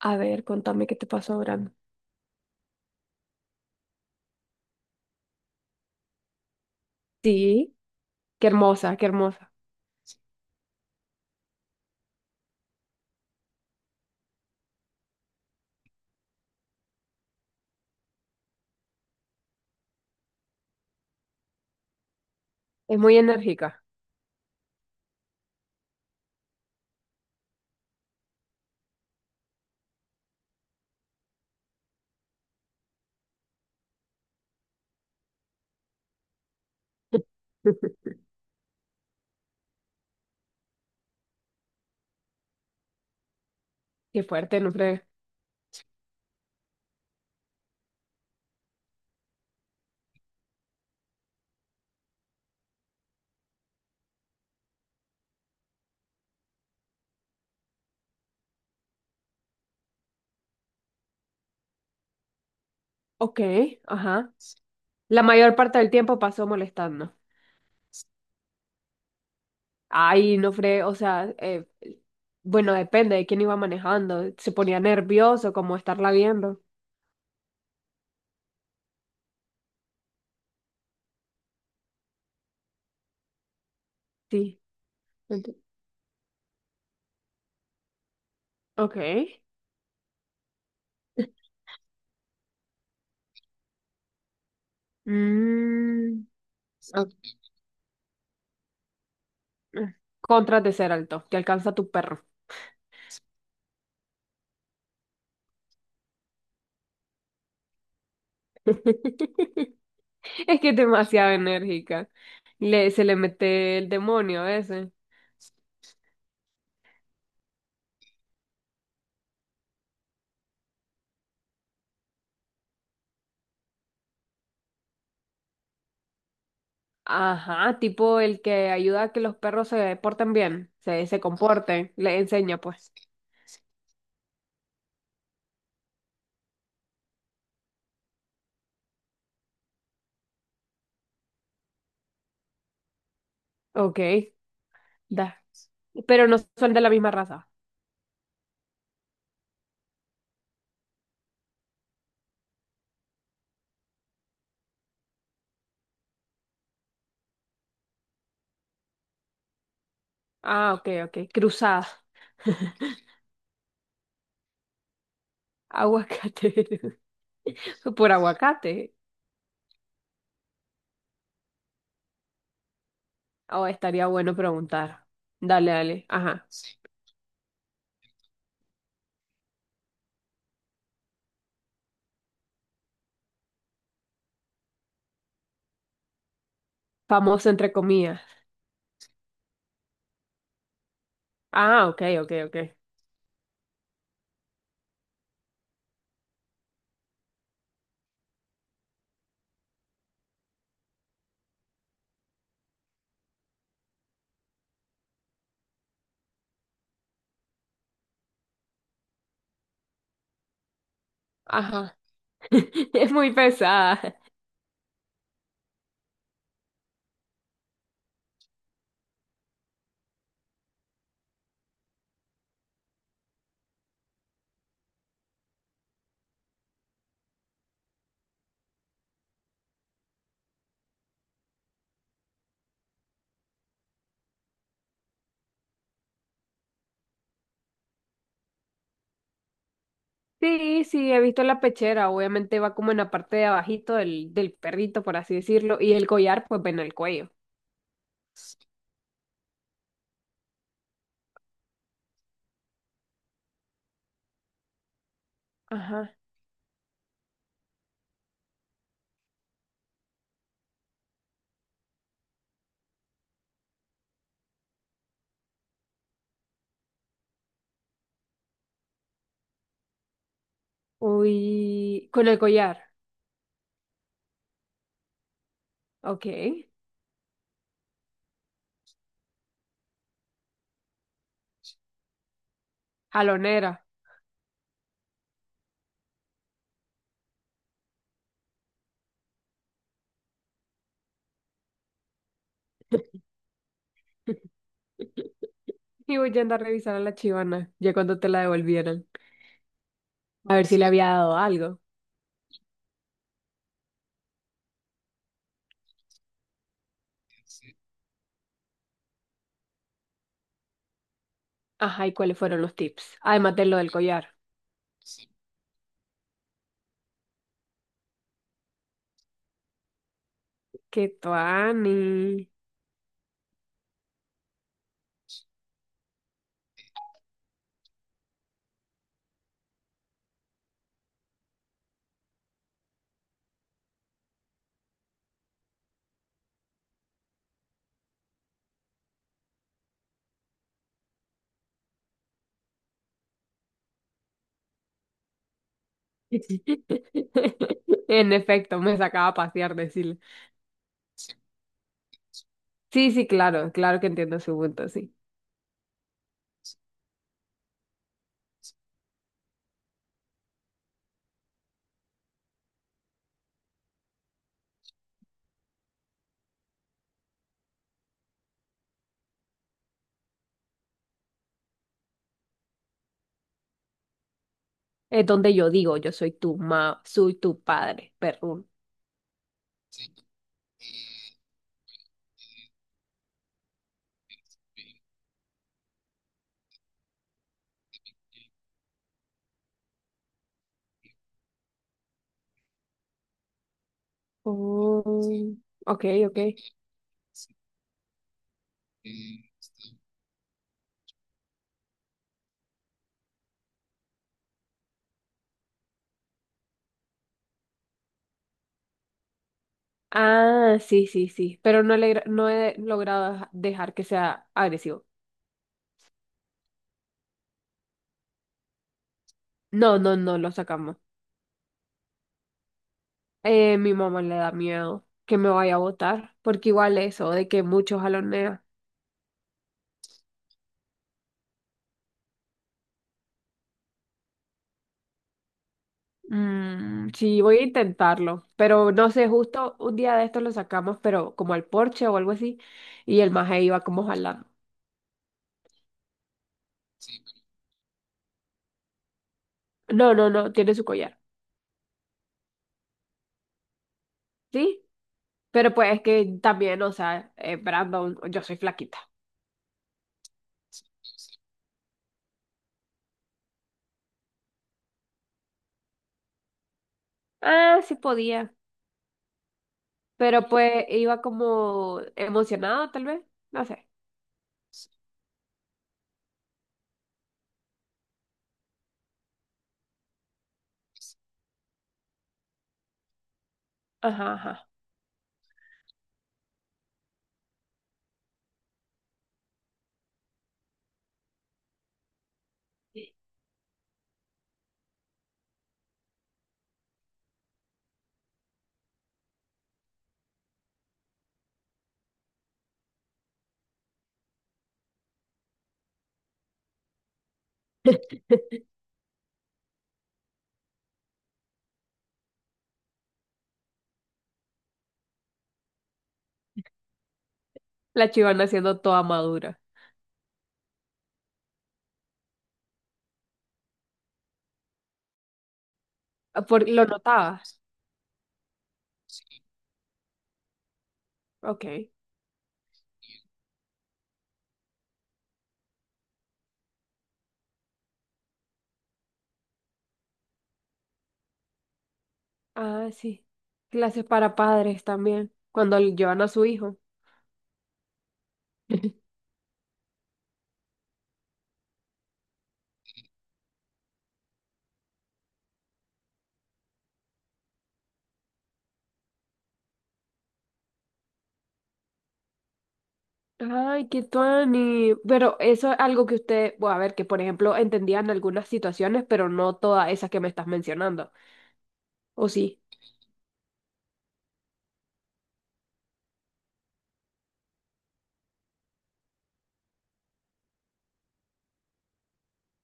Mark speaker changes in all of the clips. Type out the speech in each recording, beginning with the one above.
Speaker 1: A ver, contame qué te pasó ahora. Sí, qué hermosa, qué hermosa. Es muy enérgica. Qué fuerte, no fregues. Ok, ajá. La mayor parte del tiempo pasó molestando. Ay, no fregues, o sea, bueno, depende de quién iba manejando. Se ponía nervioso como estarla viendo. Sí. enti- Ok. Mm, ah, contras de ser alto, que alcanza tu perro. Es que es demasiado enérgica. Le, se le mete el demonio a veces. Ajá, tipo el que ayuda a que los perros se porten bien, se comporten, le enseña pues. Ok, da. Pero no son de la misma raza. Ah, ok, ok. Cruzada. Aguacate. Por aguacate. Oh, estaría bueno preguntar. Dale, dale. Ajá. Famoso entre comillas. Ah, ok, ok, ok. Ajá. Es muy pesada. Sí, sí, he visto la pechera, obviamente va como en la parte de abajito del, del perrito, por así decirlo, y el collar, pues ven el cuello. Ajá. Uy, con el collar, ok. Jalonera. Y voy a andar a revisar a la chivana, ya cuando te la devolvieran, a ver si le había dado algo. Ajá, ¿y cuáles fueron los tips? Además de lo del collar. ¡Qué tuani! En efecto, me sacaba a pasear, decirle. Sí, sí, claro, claro que entiendo su punto, sí. Es donde yo digo, yo soy tu ma, soy tu padre, perrún. Oh, ok, ok. Ah, sí, sí, sí. Pero no, le, no he logrado dejar que sea agresivo. No, no, no, lo sacamos. Mi mamá le da miedo que me vaya a votar, porque igual eso, de que muchos jalonea. Mm, sí, voy a intentarlo, pero no sé, justo un día de estos lo sacamos, pero como al porche o algo así, y el maje iba como jalando. No, no, no, tiene su collar. ¿Sí? Pero pues es que también, o sea, Brandon, yo soy flaquita. Ah, sí podía. Pero pues iba como emocionada, tal vez. No sé. Ajá, ajá. La chivana siendo toda madura. Ah, por, ¿lo notabas? Ok. Ah, sí. Clases para padres también. Cuando le llevan a su hijo. Ay, qué tuani. Pero eso es algo que usted, bueno, a ver, que por ejemplo entendían algunas situaciones, pero no todas esas que me estás mencionando. ¿O sí?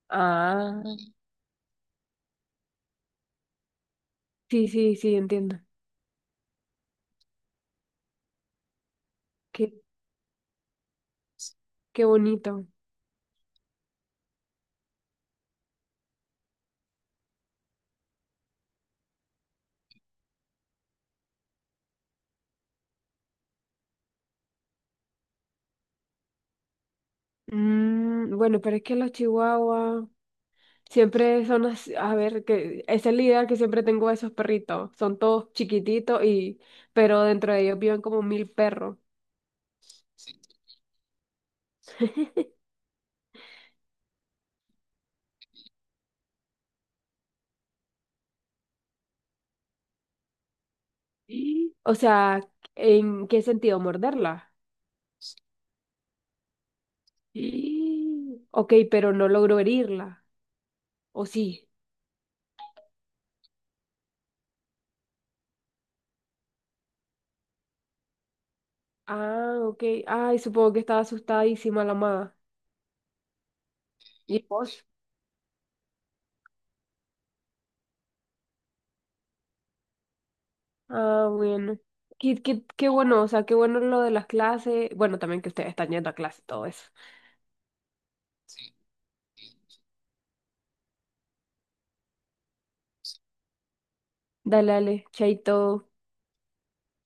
Speaker 1: Ah, sí, sí, sí, entiendo. Qué, qué bonito. Mm, bueno, pero es que los chihuahuas siempre son así, a ver, que esa es la idea que siempre tengo de esos perritos. Son todos chiquititos y, pero dentro de ellos viven como mil perros. Y, o sea, ¿en qué sentido? ¿Morderla? Y, ok, pero no logró herirla. ¿O sí? Ah, ok. Ay, supongo que estaba asustadísima la mamá. ¿Y vos? Ah, bueno. Qué, qué, qué bueno, o sea, qué bueno lo de las clases. Bueno, también que ustedes están yendo a clase, todo eso. Dale, dale, chaito.